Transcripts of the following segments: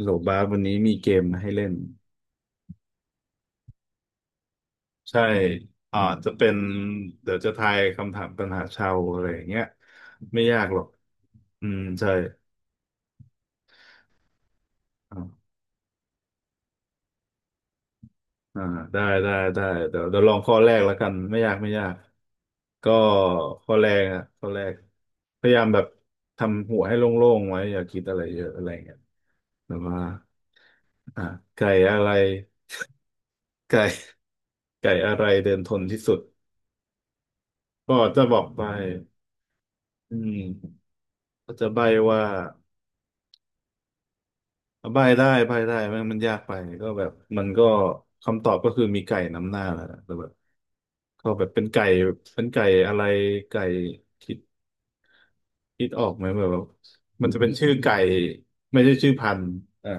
โหลบาสวันนี้มีเกมมาให้เล่นใช่อ่าจะเป็นเดี๋ยวจะทายคำถามปัญหาชาวอะไรอย่างเงี้ยไม่ยากหรอกอืมใช่อ่าอ่าได้ได้ได้เดี๋ยวเดี๋ยวลองข้อแรกแล้วกันไม่ยากไม่ยากก็ข้อแรกอะข้อแรกพยายามแบบทำหัวให้โล่งๆไว้อย่าคิดอะไรเยอะอะไรเงี้ยแบบว่าอ่าไก่อะไรไก่ไก่อะไรเดินทนที่สุดก็จะบอกไปอืม ก็จะใบ้ว่าใบ้ได้ใบ้ได้แม่งมันยากไปก็แบบมันก็คำตอบก็คือมีไก่นำหน้าแหละแต่แบบก็แบบเป็นไก่เป็นไก่อะไรไก่คิดคิดออกไหมแบบว่ามันจะเป็นชื่อไก่ไม่ใช่ชื่อพันธุ์อ่า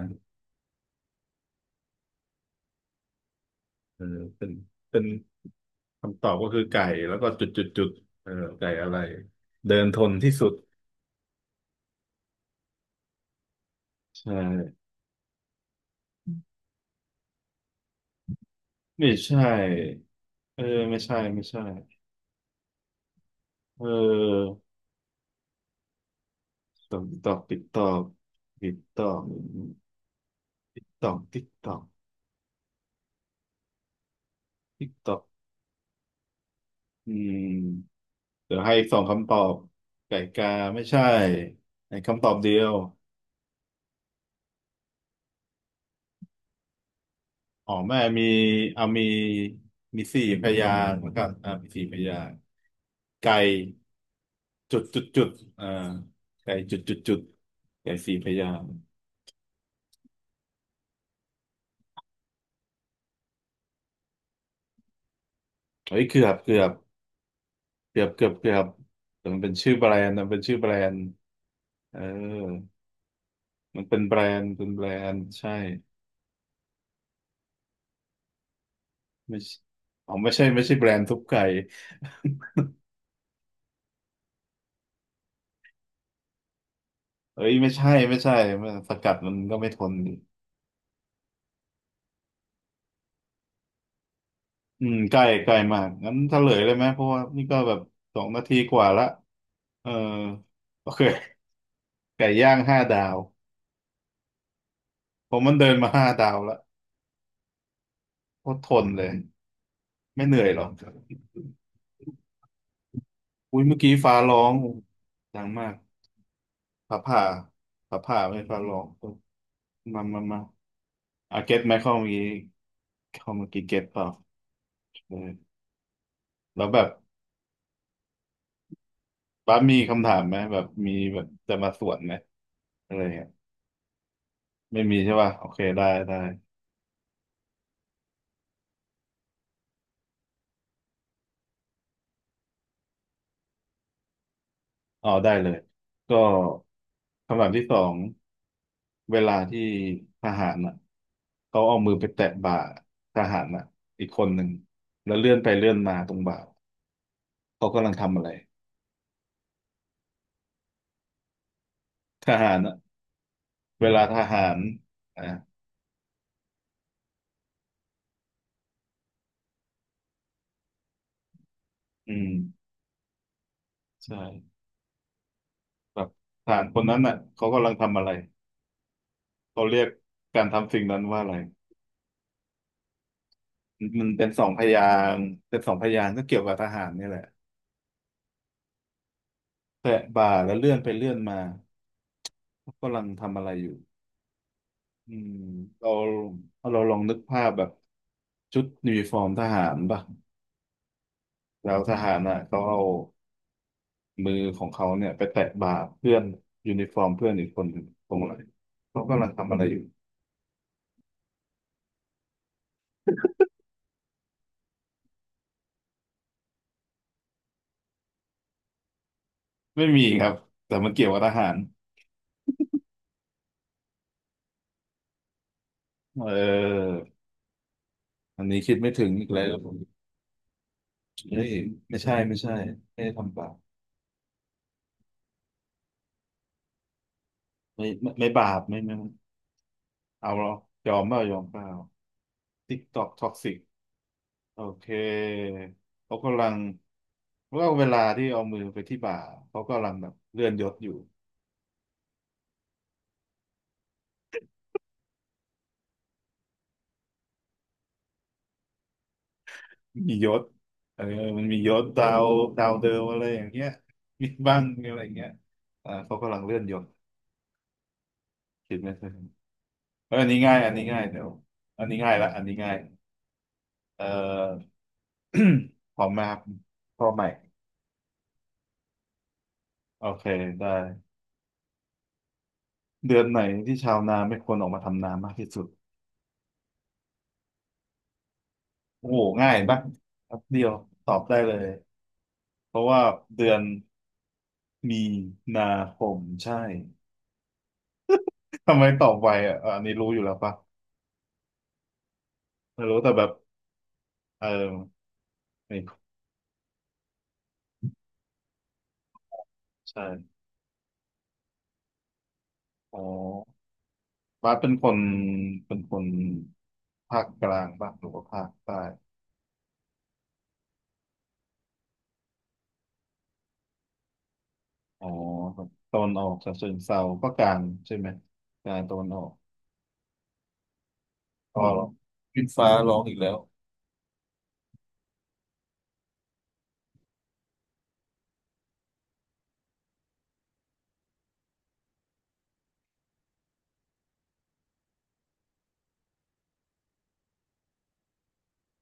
เออเป็นเป็นคำตอบก็คือไก่แล้วก็จุดจุดจุดเออไก่อะไรเดินทนที่สุดใช่ไม่ใช่เออไม่ใช่ไม่ใช่เออ ตอกตอกติ๊กตอกติ๊กตอกติ๊กตอกติ๊กตอกติ๊กตอกอืมเดี๋ยวให้อีกสองคำตอบไก่กาไม่ใช่ในคำตอบเดียวอ๋อแม่มีเอามีมีสี่พยางค์แลับมีสี่พยางค์ไก่จุดจุดจุดอ่าไก่จุดจุดจุดไก่สี่พยางค์เฮ้ยเกือบเกือบแต่มันเป็นชื่อแบรนด์มันเป็นชื่อแบรนด์เออมันเป็นแบรนด์ใช่ ไม่ใช่อ๋อไม่ใช่ไม่ใช่แบรนด์ทุบไก่ เอ้ยไม่ใช่ไม่ใช่มันสกัดมันก็ไม่ทนดิอืมใกล้ใกล้มากงั้นเฉลยเลยไหมเพราะว่านี่ก็แบบสองนาทีกว่าละเออโอเคไก่ย่างห้าดาวผมมันเดินมาห้าดาวละโคตรทนเลยไม่เหนื่อยหรอกอุ้ยเมื่อกี้ฟ้าร้องดังมากฟ้าผ่าฟ้าผ่าไม่ใช่ฟ้าร้องมามามาเก็ตไหมเข้าเมื่อกี้เข้าเมื่อกี้เก็ตเปล่า แล้วแบบป้ามีคำถามไหมแบบมีแบบจะมาสวนไหมอะไรเงี้ยไม่มีใช่ป่ะโอเคได้ได้อ๋อได้เลยก็คำถามที่สองเวลาที่ทหารเขาเอามือไปแตะบ่าทหารอีกคนหนึ่งแล้วเลื่อนไปเลื่อนมาตรงบ่าเขากำลังทำอะไรทหารเวลาทหารอ่ะอืมใช่แบบทหารคนนั้นเขากำลังทำอะไรเขาเรียกการทำสิ่งนั้นว่าอะไร มันเป็นสองพยางค์เป็นสองพยางค์ก็เกี่ยวกับทหารนี่แหละแตะบ่าแล้วเลื่อนไปเลื่อนมากำลังทำอะไรอยู่อืมเราลองนึกภาพแบบชุดยูนิฟอร์มทหารป่ะแล้วทหารน่ะเขาเอามือของเขาเนี่ยไปแตะบ่าเพื่อนยูนิฟอร์มเพื่อนอีกคนหนึ่งตรงไหนเขากำลังทำอะไรอยู่ไม่มีครับแต่มันเกี่ยวกับทหารเอออันนี้คิดไม่ถึงอีกแล้วผมเฮ้ยไม่ใช่ไม่ใช่ไม่ได้ทำบาปไม่ไม่ไม่บาปไม่ไม่ไม่ เอาเหรอยอมเปล่ายอมเปล่าติ๊กตอกท็อกซิกโอเคเขากำลังว่าเอาเวลาที่เอามือไปที่บ่าเขากำลังแบบเลื่อนยศอยู่มียศเออมันมียศดาวดาวเดิมอะไรอย่างเงี้ยมีบ้างอะไรอย่างเงี้ยเขากำลังเลื่อนยศคิดไหมเถึเอออันนี้ง่ายอันนี้ง่ายเดี๋ยวอันนี้ง่ายละอันนี้ง่ายเอ่อ พร้อมไหมครับพร้อมไหมโอเคได้เดือนไหนที่ชาวนาไม่ควรออกมาทำนามากที่สุด โอ้โหง่ายปะแป๊บเดียวตอบได้เลยเพราะว่าเดือนมีนาคมใช่ ทำไมตอบไวอ่ะอะอันนี้รู้อยู่แล้วปะไม่รู้แต่แบบเออไม่ใช่อ๋อบาสเป็นคนเป็นคนภาคกลางปะหรือว่าภาคใต้อ๋อแบบตอนออกฉะเชิงเทราก็กลางใช่ไหมกลางตอนออกอ๋อขึ้นฟ้าร้องอีกแล้ว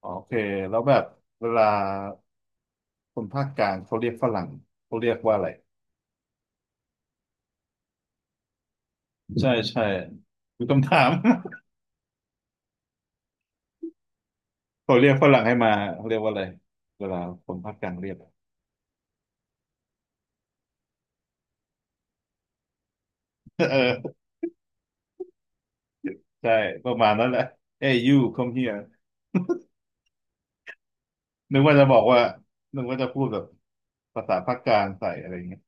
อ๋อโอเคแล้วแบบเวลาคนภาคกลางเขาเรียกฝรั่งเขาเรียกว่าอะไร ใช่ใช่มีคำถาม เขาเรียกฝรั่งให้มาเขาเรียกว่าอะไรเวลาคนภาคกลางเรียก เออใช่ประมาณนั้นแหละ Hey you come here นึกว่าจะบอกว่านึกว่าจะพูดแบบภาษาภาคกลางใส่อะไรอย่างเงี้ย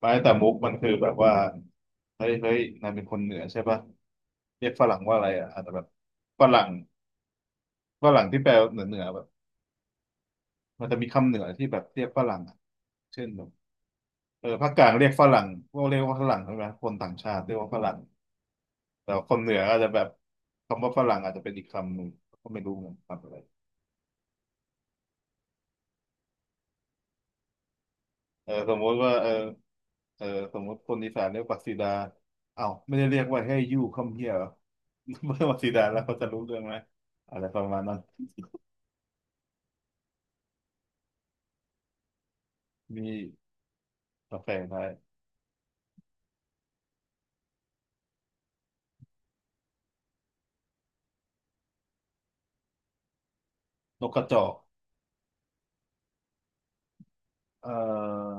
ไม่แต่มุกมันคือแบบว่าเฮ้ยเฮ้ยนายเป็นคนเหนือใช่ปะเรียกฝรั่งว่าอะไรอาจจะแบบฝรั่งฝรั่งที่แปลเหนือเหนือแบบมันจะมีคำเหนือที่แบบเรียกฝรั่งอะเช่นแบบเออภาคกลางเรียกฝรั่งพวกเรียกว่าฝรั่งใช่ไหมคนต่างชาติเรียกว่าฝรั่ง แต่คนเหนืออาจจะแบบคำว่าฝรั่งอาจจะเป็นอีกคำหนึ่งก็ไม่รู้เหมือนกันคำอะไรเออสมมติว่าเออเออสมมติคนอีสานเรียกปักสีดาอ้าวไม่ได้เรียกว่าให้ยู่คมเฮียเหรอ เมื่อปักสีดาแล้วเขาจะรู้เรื่องไหมอะไรประมาณนั้น มีกาแฟไทยนกกระจอกเอ่อ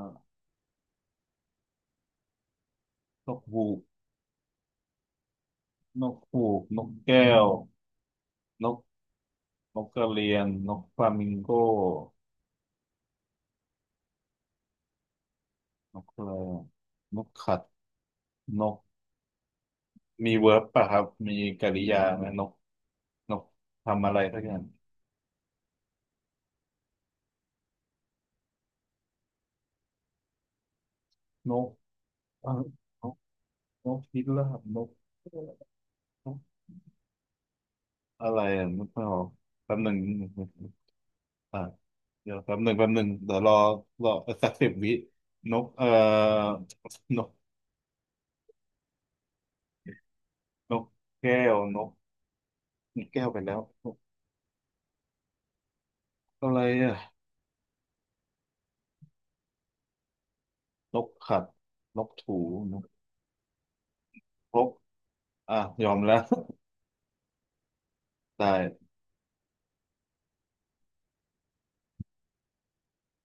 นกฮูกนกฮูกนกแก้วนกนกกระเรียนนกฟลามิงโก้นกอะไรอะนกขัดนกมีเวิร์บป่ะครับมีกริยาไหมนก นกทำอะไรสักอย่างนกเออนกนกพิราบนกนกอะไรนกไม่ออกแป๊บหนึ่งอ่ะเดี๋ยวแป๊บหนึ่งแป๊บหนึ่งเดี๋ยวรอรอสักสิบวินกนกนกแก้วนกนกแก้วไปแล้วนกอะไรอ่ะนกขัดนกถูนกพกยอมแล้ว ได้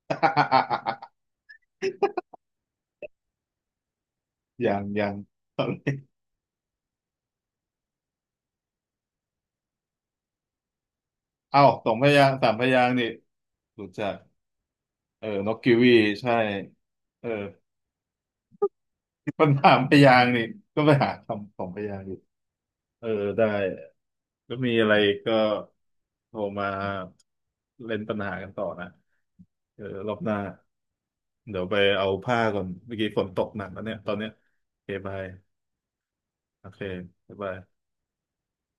ยังยังเอ้าสองพยางค์สามพยางค์นี่รู้จัก เออนกกิวีใช่เออ ปัญหามพยางค์นี่ก็ไปหาคำของพยางค์อยู่เออได้ ก็มีอะไรก็โทรมาเล่นปัญหากันต่อนะเออรอบหน้า เดี๋ยวไปเอาผ้าก่อนเมื่อกี้ฝนตกหนักแล้วเนี่ยตอนเนี้ยโอเคบาย โอเคบ๊ายบาย